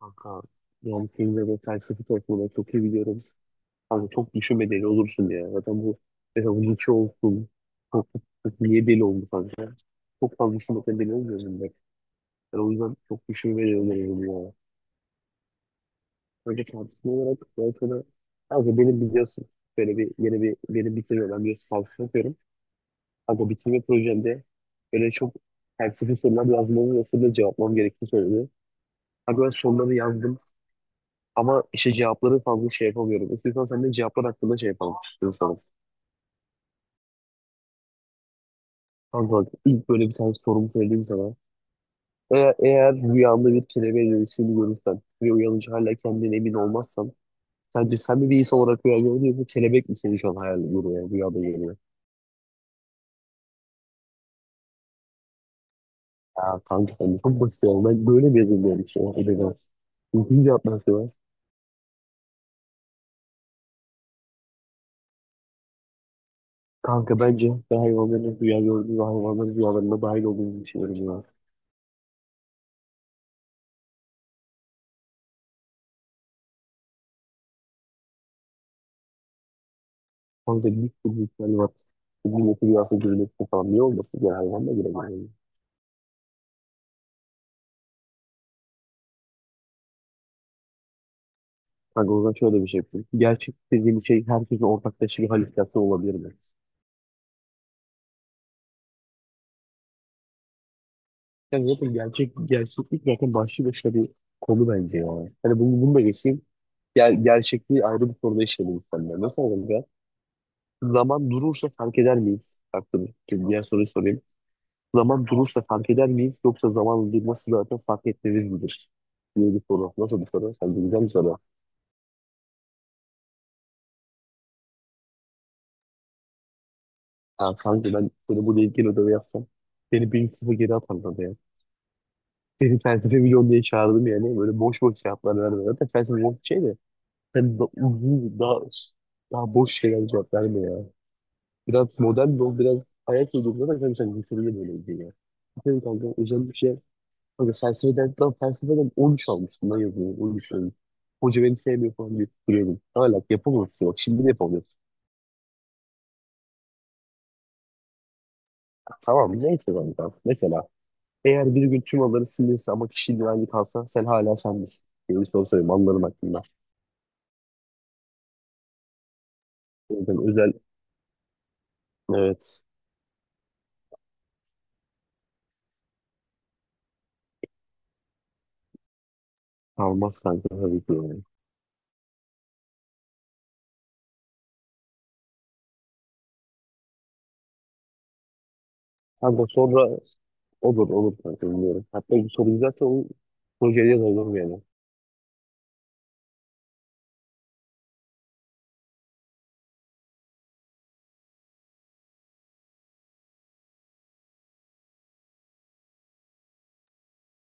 Kanka yani senin de bu felsefi topluluğunu çok iyi biliyorum. Kanka çok düşünmeden olursun ya. Zaten bu mesela bunun içi olsun. Çok, çok, çok niye deli oldu kanka? Çok fazla düşünmekten deli olmuyorum ben. Ben o yüzden çok düşünmeden oluyorum ya. Önce tartışma olarak ben sana kanka benim biliyorsun böyle bir yeni bir benim bitirme ben biliyorsun felsefe yapıyorum. Kanka bitirme projemde böyle çok felsefi sorular yazmamı ve soruları cevaplamam gerektiğini söyledi. Kanka ben soruları yazdım. Ama işte cevapları fazla şey yapamıyorum. İstiyorsan sen de cevaplar hakkında şey yapalım istiyorsan. Kanka bak ilk böyle bir tane sorumu söyleyeyim sana. Eğer rüyanda bir kelebeğe dönüştüğünü görürsen ve uyanınca hala kendine emin olmazsan sence sen mi bir insan olarak rüya gördün yoksa kelebek mi seni şu an hayal görüyor, rüyada görüyor? Ya kanka sen de çok basit ya. Ben böyle mi yazılmıyorum işte? Hadi be. İkinci cevap nasıl var? Kanka bence ben hayvanların rüya gördüğü ve hayvanların rüyalarına dahil olduğunu düşünüyorum ya. Kanka büyük bir ihtimal var. Milleti bir hafta görülmesi falan. Niye olmasın? Genel anlamda girebilir. Yani. Kanka o zaman şöyle bir şey yapayım. Gerçek dediğim şey herkesin ortaklaşa bir halüsinasyon olabilir mi? Yani zaten gerçek, gerçeklik zaten başlı başına bir konu bence yani. Hani bunu da geçeyim. Gerçekliği ayrı bir soruda işleyelim seninle. Nasıl olacak? Zaman durursa fark eder miyiz? Aklım. Şimdi diğer soruyu sorayım. Zaman durursa fark eder miyiz? Yoksa zamanla durması zaten fark etmemiz midir? Diye bir soru. Nasıl bir soru? Sen de güzel bir soru. Ha, kanka ben böyle bu ilgili ödevi yapsam beni 1-0 geri atarlardı ya. Beni felsefe milyon diye çağırdım yani. Böyle boş boş cevaplar vermiyor. Zaten felsefe boş bir şey de. Uzun, daha, daha boş şeyler cevap verme ya. Biraz modern de ol, biraz hayat uydurma da kanka sen götürüyor böyle bir ya. Senin kanka özel bir şey. Kanka felsefeden, ben felsefeden 13 almıştım lan yazıyorum. 13 almıştım. Hoca beni sevmiyor falan diye tutturuyordum. Hala yapamıyorsun. Bak şimdi de yapamıyorsun. Tamam neyse kanka. Mesela eğer bir gün tüm aları silinirse ama kişi güvenli kalsa sen hala sen misin? Diye bir soru soruyorum anılarım hakkında. O yüzden özel evet kalmaz kanka tabii ki yani. Kanka sonra olur olur kanka bilmiyorum. Hatta bu soru güzelse onu projeye yazalım yani.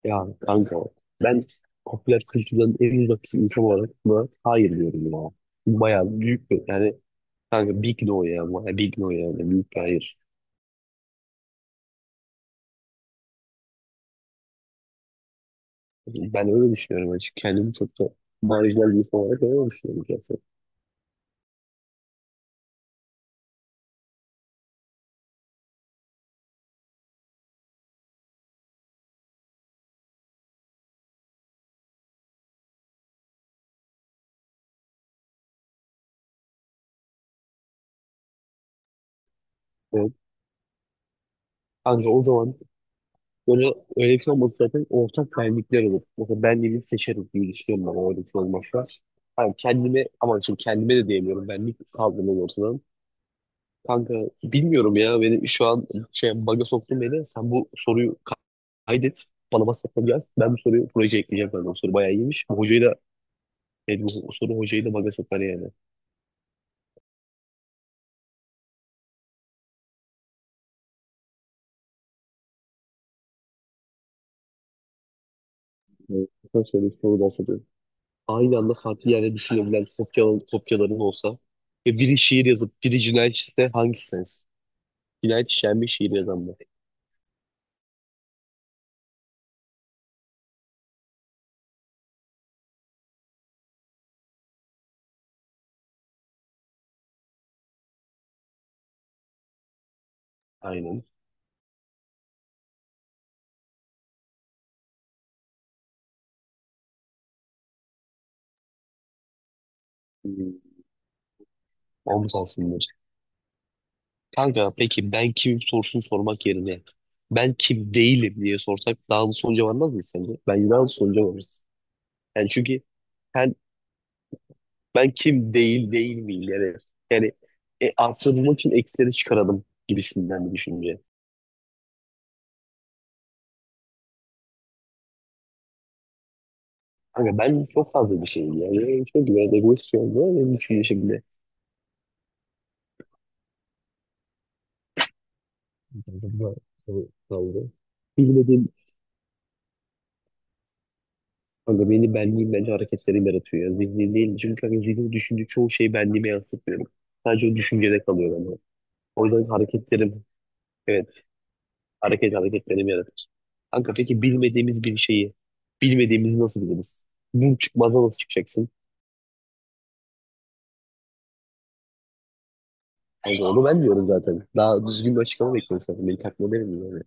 Ya kanka ben popüler kültürden en uzak bir insan olarak buna hayır diyorum ya. Bu bayağı büyük bir yani kanka big no ya, bayağı big no yani büyük bir hayır. Ben öyle düşünüyorum açık, kendimi çok da marjinal bir insan olarak öyle düşünüyorum gerçekten. Kanka o zaman böyle öğretmen olması zaten ortak benlikler olur. Mesela benliğini seçeriz diye düşünüyorum ben o öğretmen olmazsa. Hani kendime ama şimdi kendime de diyemiyorum, benlik kaldırmam ortadan. Kanka bilmiyorum ya, beni şu an şey baga soktun beni. Sen bu soruyu kaydet. Bana WhatsApp'a yaz. Ben bu soruyu projeye ekleyeceğim ben. O soru bayağı iyiymiş. Bu hocayı da yani bu soru hocayı da baga sokar yani. Evet, ben şöyle bir soru daha soruyorum. Aynı anda farklı yerde düşünebilen kopyaların olsa ve biri şiir yazıp biri cinayet işlese hangisi sensin? Cinayet işlenmiş şiir yazan bu. Aynen. Hmm, omuz alsınlar. Kanka peki ben kim sorusunu sormak yerine ben kim değilim diye sorsak daha hızlı sonuca varmaz mıyız sence? Bence daha hızlı sonuca varırız. Yani çünkü ben, ben kim değil miyim yani. Yani artırmak için eksileri çıkaralım gibisinden bir düşünce. Kanka ben çok fazla bir şeyim yani. Yani çok güzel egoist bir şey oldu benim düşünce şimdi. Bilmediğim. Kanka beni benliğim bence hareketlerim yaratıyor ya. Zihnim değil. Çünkü kanka zihnim düşündüğü çoğu şeyi benliğime yansıtmıyorum. Sadece o düşüncede kalıyor bende. O yüzden hareketlerim, evet, hareketlerim yaratır. Kanka peki bilmediğimiz bir şeyi, bilmediğimizi nasıl biliriz? Bu çıkmazdan nasıl çıkacaksın? Kanka onu ben diyorum zaten. Daha düzgün bir açıklama bekliyorum zaten. Beni takma derim yani.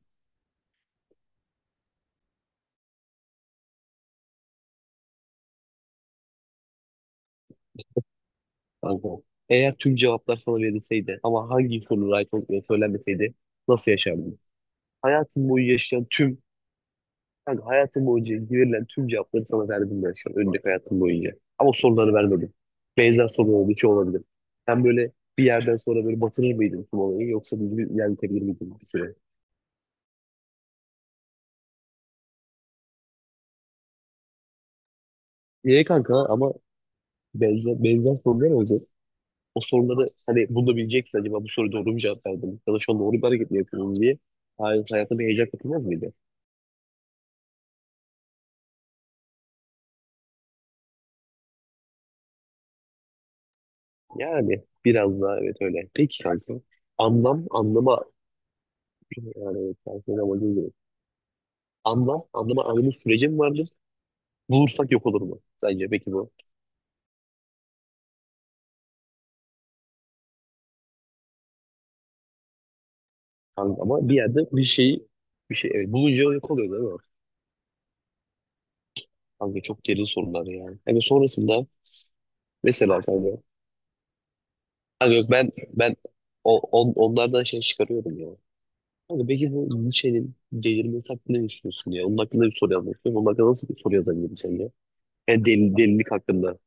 Kanka eğer tüm cevaplar sana verilseydi ama hangi soru right olup söylenmeseydi nasıl yaşardınız? Hayatın boyu yaşayan tüm. Kanka hayatım boyunca verilen tüm cevapları sana verdim ben şu an. Önceki hayatım boyunca. Ama soruları vermedim. Benzer soru olduğu için olabilir. Sen böyle bir yerden sonra böyle batırır mıydın tüm olayı yoksa düzgün ilerletebilir miydin bir süre? Niye kanka ama benzer sorular olacak. O soruları hani bunu da bileceksin, acaba bu soru doğru mu cevap verdim? Ya da şu an doğru bir hareket mi yapıyorum diye. Hayır, hayata bir heyecan katılmaz mıydı? Yani biraz daha evet öyle. Peki kanka. Anlama yani ben söyle amacım üzere. Anlama anlamı süreci mi vardır? Bulursak yok olur mu? Sence peki bu. Kanka ama bir yerde bir şeyi bir şey, evet, bulunca yok oluyor değil mi? Kanka çok derin sorular yani. Hani sonrasında mesela kanka, kanka yok ben onlardan şey çıkarıyorum ya. Kanka peki bu Nietzsche'nin delirmesi hakkında ne düşünüyorsun ya? Onun hakkında bir soru yazmak istiyorum. Onun hakkında nasıl bir soru yazabilirim sence? Yani deli, delilik hakkında.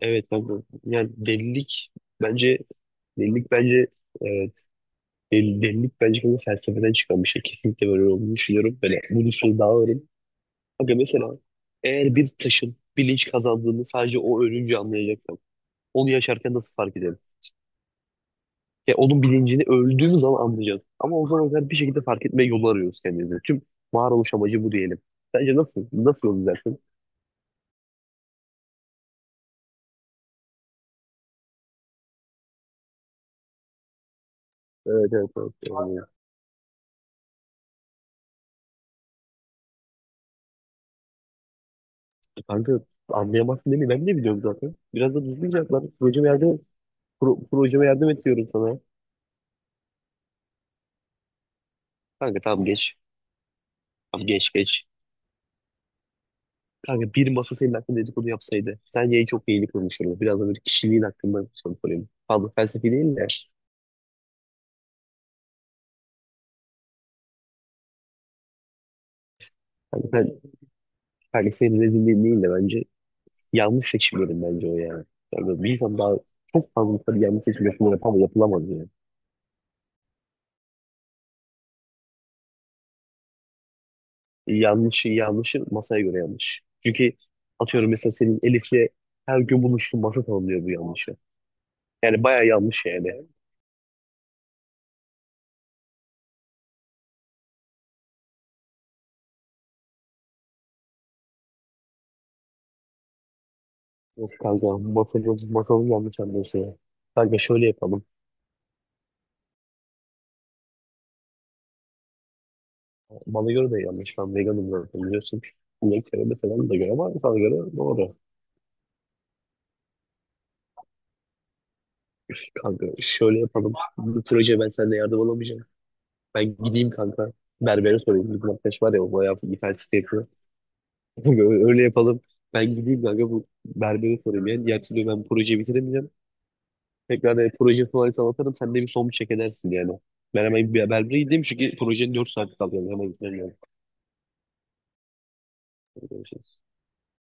Evet kanka. Yani bence delilik bence delilik bence böyle felsefeden çıkan bir şey. Kesinlikle böyle olduğunu düşünüyorum. Böyle bunu şöyle daha öğrenin. Aga mesela eğer bir taşın bilinç kazandığını sadece o ölünce anlayacaksam onu yaşarken nasıl fark ederiz? Ya onun bilincini öldüğümüz zaman anlayacağız. Ama o zaman kadar bir şekilde fark etme yolu arıyoruz kendimize. Tüm varoluş amacı bu diyelim. Sence nasıl? Nasıl yol izlersin? Evet, evet, evet. Kanka anlayamazsın değil mi? Ben de biliyorum zaten. Biraz da düzgün cevap ver. Projeme yardım, projeme yardım ediyorum sana. Kanka tamam geç. Tamam geç geç. Kanka bir masa senin hakkında dedikodu yapsaydı sence en çok neyi konuşurdu? Biraz da böyle kişiliğin hakkında soru sorayım. Fazla felsefi değil de hani ben kardeşlerin rezilliği değil de bence yanlış seçimlerim bence o yani. Yani böyle bir insan daha çok fazla tabii yanlış seçim yapımı yapamaz, yapılamaz yani. Yanlışı masaya göre yanlış. Çünkü atıyorum mesela senin Elif'le her gün buluştuğun masa tanımlıyor bu yanlışı. Yani bayağı yanlış yani. Yok kanka masanın yanlış anlıyorsun ya. Kanka şöyle yapalım. Bana göre de yanlış. Ben veganım zaten biliyorsun. İnek göre de falan da göre ama sana göre doğru. Kanka şöyle yapalım. Bu proje ben seninle yardım alamayacağım. Ben gideyim kanka. Berbere sorayım. Bizim arkadaş var ya o bayağı ithal site yapıyor. Böyle- öyle yapalım. Ben gideyim kanka bu berbere sorayım. Yani diğer türlü ben projeyi bitiremeyeceğim. Tekrar proje tuvaleti anlatırım. Sen de bir son bir çek edersin yani. Ben hemen bir berbere gideyim çünkü projenin 4 saat kaldı. Yani hemen gitmem lazım.